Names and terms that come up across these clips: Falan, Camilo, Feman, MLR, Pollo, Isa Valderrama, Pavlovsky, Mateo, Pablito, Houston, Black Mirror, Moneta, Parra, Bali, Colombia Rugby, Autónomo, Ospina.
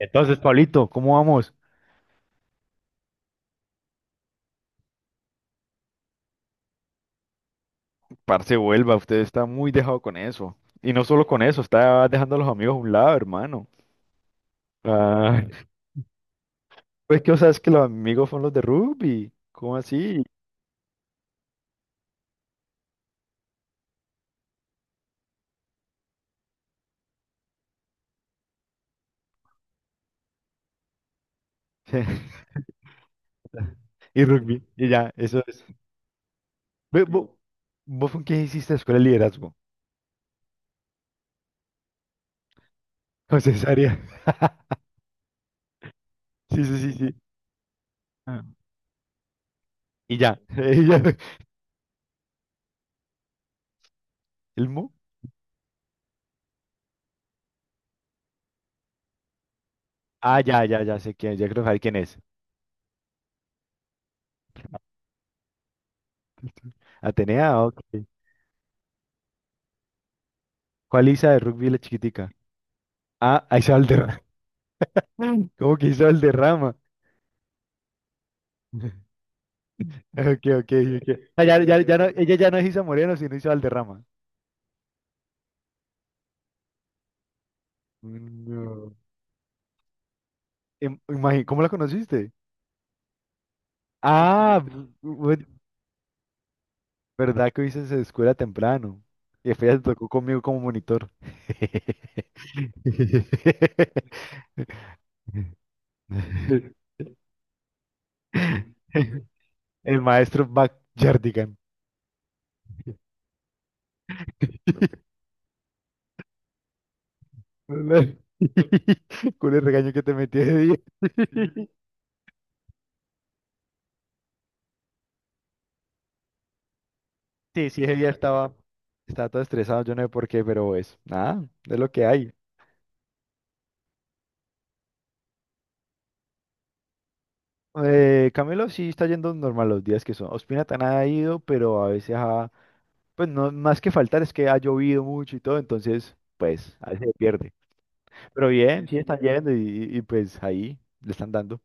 Entonces, Pablito, ¿cómo vamos? Parce, vuelva, usted está muy dejado con eso. Y no solo con eso, está dejando a los amigos a un lado, hermano. Ah, pues que, o sea, es que los amigos son los de rugby. ¿Cómo así? Y rugby, y ya, eso es. Ve, vos ¿Vos con quién hiciste escuela de liderazgo? Con cesárea. Sí, sí, sí, sí. Ah. Y ya. Y ya. ¿El Mu? Ah, ya, ya, ya sé quién, ya creo saber quién es. Atenea, ok. ¿Cuál Isa de rugby, la chiquitica? Ah, ahí. Cómo que hizo Valderrama. Ok, ok, ok. O ella ya no es Isa Moreno, sino Isa Valderrama. No. ¿Cómo la conociste? Ah, verdad que hice esa escuela temprano. Y después ya se tocó conmigo como monitor. El maestro Backyardigan. Jardigan. Con el regaño que te metí de día. Sí, sí, ese día estaba todo estresado, yo no sé por qué, pero pues nada, es lo que hay. Camilo sí está yendo normal los días que son. Ospina tan ha ido, pero a veces pues no, más que faltar es que ha llovido mucho y todo, entonces pues a veces se pierde. Pero bien, sí están yendo y, pues ahí le están dando.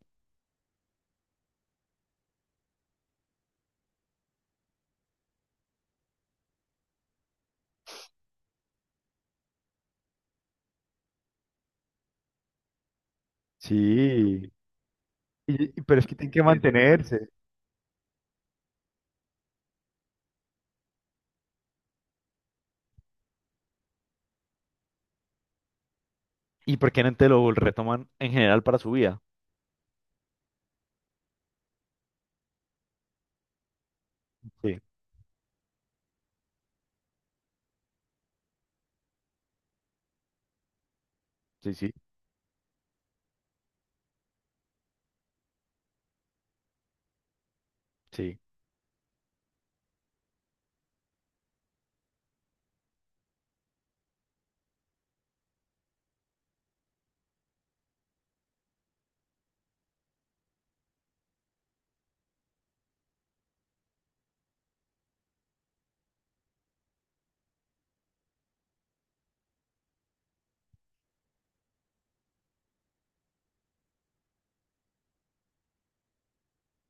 Sí, pero es que tienen que mantenerse. ¿Y por qué no te lo retoman en general para su vida? Sí, sí, sí, sí,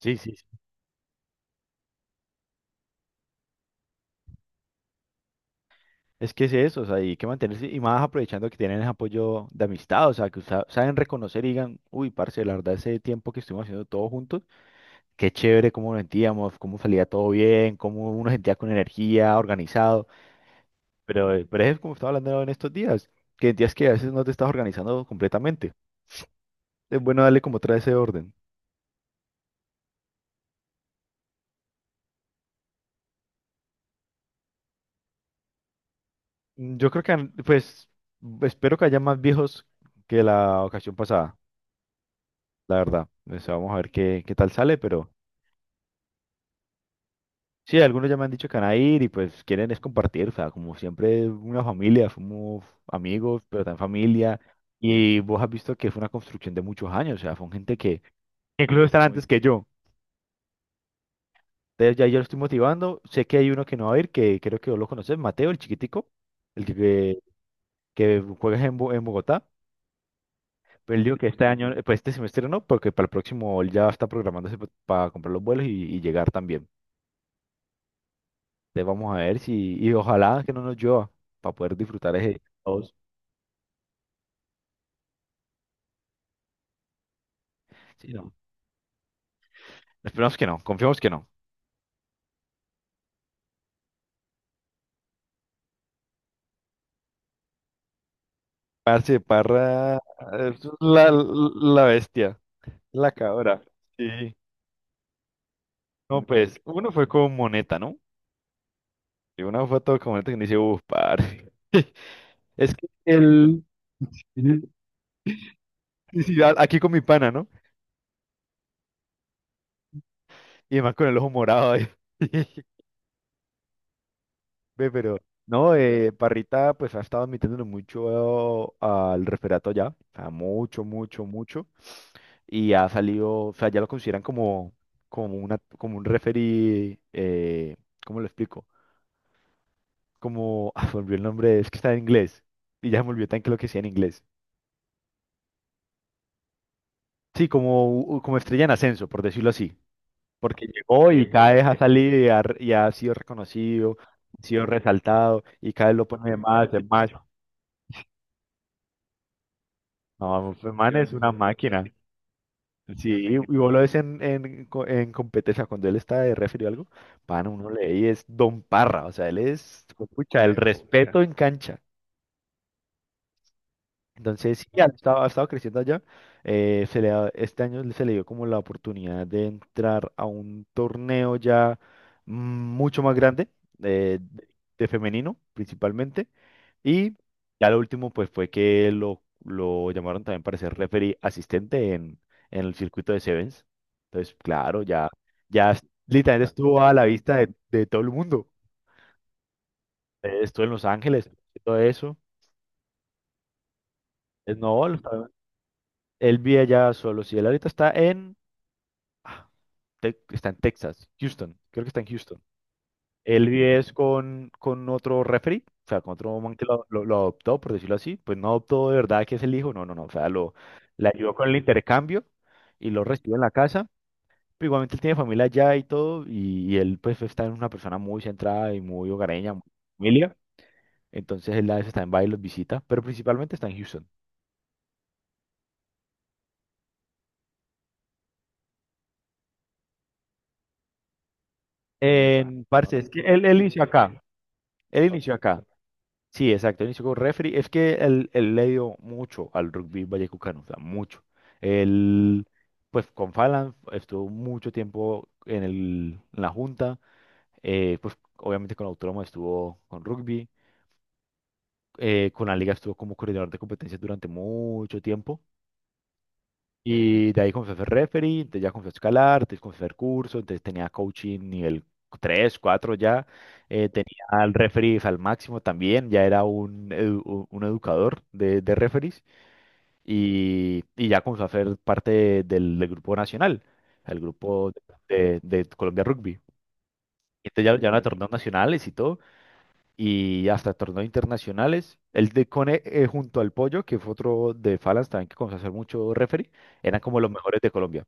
sí, sí, sí. Es que es eso, o sea, hay que mantenerse y más aprovechando que tienen ese apoyo de amistad, o sea, que usa- saben reconocer y digan, uy, parce, la verdad, ese tiempo que estuvimos haciendo todos juntos, qué chévere cómo nos sentíamos, cómo salía todo bien, cómo uno sentía con energía, organizado, pero es como estaba hablando en estos días que a veces no te estás organizando completamente. Es bueno darle como otra ese orden. Mm, yo creo que, pues, espero que haya más viejos que la ocasión pasada, la verdad. O sea, vamos a ver qué, qué tal sale, pero… Sí, algunos ya me han dicho que van a ir y pues quieren es compartir, o sea, como siempre una familia, somos amigos, pero también familia. Y vos has visto que fue una construcción de muchos años, o sea, son gente que incluso están, uy, antes, uy, que yo. Entonces ya yo lo estoy motivando. Sé que hay uno que no va a ir, que creo que vos lo conoces, Mateo, el chiquitico, el que juega en, en Bogotá. Pero él dijo que este año, pues este semestre no, porque para el próximo él ya está programándose para comprar los vuelos y llegar también. Entonces vamos a ver si, y ojalá que no nos llueva para poder disfrutar ese. Sí, no. Esperamos que no, confiamos que no. Parce, Parra es la, la bestia, la cabra. Sí. No, pues, uno fue con Moneta, ¿no? Y una foto con Moneta que me dice, uff, parce. Es que el… Sí, sí, a- aquí con mi pana, ¿no? Y además con el ojo morado ahí. Ve, pero… No, Parrita pues ha estado metiéndole mucho al referato ya. O sea, mucho, mucho, mucho. Y ha salido, o sea, ya lo consideran como, como una, como un referee, ¿cómo lo explico? Como, ah, se me olvidó el nombre, es que está en inglés, y ya se me olvidó tan que lo que decía en inglés. Sí, como, como estrella en ascenso, por decirlo así, porque llegó y cada vez ha salido y ha sido reconocido, ha sido resaltado, y cada vez lo pone de más, de más. No, Feman es una máquina. Sí, y vos lo ves en, en competencia, cuando él está de referee o algo, pan, uno le y es Don Parra, o sea, él es, pucha, el Pucha, respeto en cancha. Entonces, sí, ha estado creciendo allá. Este año se le dio como la oportunidad de entrar a un torneo ya, mm, mucho más grande, eh, de, de femenino principalmente. Y ya lo último, pues fue que lo llamaron también para ser referee asistente en el circuito de Sevens. Entonces, claro, ya, ya literalmente estuvo a la vista de todo el mundo. Estuvo en Los Ángeles, todo eso. No, él vive allá solo. Si él ahorita está en, ah, está en Texas, Houston. Creo que está en Houston. Él vive es con otro referee, o sea, con otro man que lo adoptó, por decirlo así. Pues no adoptó de verdad que es el hijo, no, no, no. O sea, lo, le ayudó con el intercambio y lo recibió en la casa. Pero igualmente él tiene familia allá y todo. Y él, pues, está en una persona muy centrada y muy hogareña, muy familia. Entonces él a veces está en Bali, los visita, pero principalmente está en Houston. En, parce, es que él inició acá. Él inició acá. Sí, exacto. Él inició como referee. Es que él le dio mucho al rugby vallecucano, o sea, mucho. Él, pues con Falan estuvo mucho tiempo en la junta. Eh, pues obviamente con Autónomo estuvo con rugby. Eh, con la liga estuvo como coordinador de competencias durante mucho tiempo. Y de ahí comencé a hacer referee, entonces ya comencé a escalar, entonces comencé a hacer curso, entonces tenía coaching nivel 3, 4 ya, tenía al referee al máximo también, ya era un, un educador de referees y ya comencé a hacer parte del, del grupo nacional, el grupo de Colombia Rugby. Entonces ya, ya van a torneos nacionales y todo, y hasta torneos internacionales. El de Cone, junto al Pollo, que fue otro de Falas también que comenzó a hacer mucho referee, eran como los mejores de Colombia.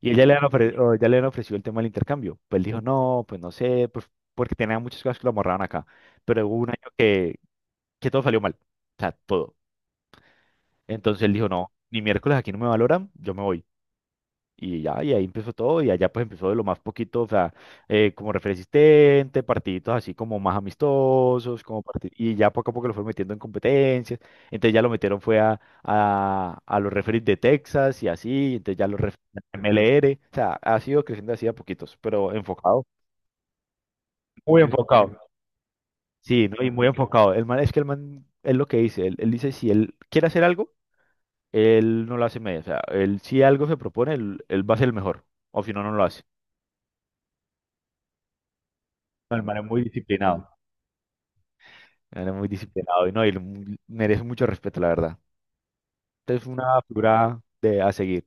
Y ella le han ofrecido, ya le han ofrecido el tema del intercambio. Pues él dijo, no, pues no sé, pues, porque tenía muchas cosas que lo amarraban acá. Pero hubo un año que todo salió mal. O sea, todo. Entonces él dijo, no, ni miércoles, aquí no me valoran, yo me voy. Y ya, y ahí empezó todo, y allá pues empezó de lo más poquito, o sea, como refresistente, partiditos así como más amistosos, como y ya poco a poco lo fue metiendo en competencias, entonces ya lo metieron fue a los referees de Texas y así, entonces ya los referees de MLR, o sea, ha sido creciendo así a poquitos, pero enfocado, muy enfocado, sí, ¿no? Y muy enfocado, el man, es que el man, es lo que dice, él dice, si él quiere hacer algo, él no lo hace medio, o sea, él si algo se propone, él va a ser el mejor, o si no, no lo hace. No, el man es muy disciplinado. Era muy disciplinado y no, merece mucho respeto, la verdad. Este es una figura de a seguir.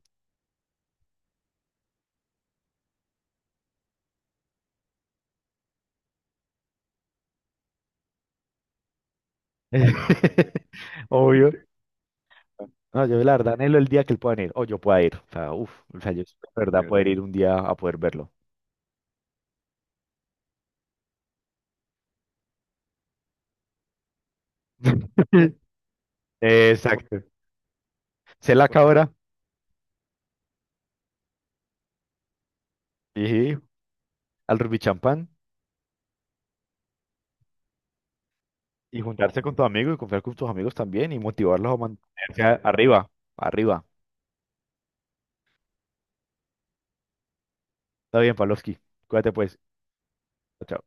Obvio. No, yo la verdad anhelo el día que él pueda ir, o yo pueda ir. O sea, uf, o sea, yo espero, de verdad poder ir un día a poder verlo. Exacto. Ser la cabra y al rugby champán y juntarse con tus amigos y confiar con tus amigos también y motivarlos a mantenerse, arriba, arriba. Está bien, Pavlovsky. Cuídate pues. Chao.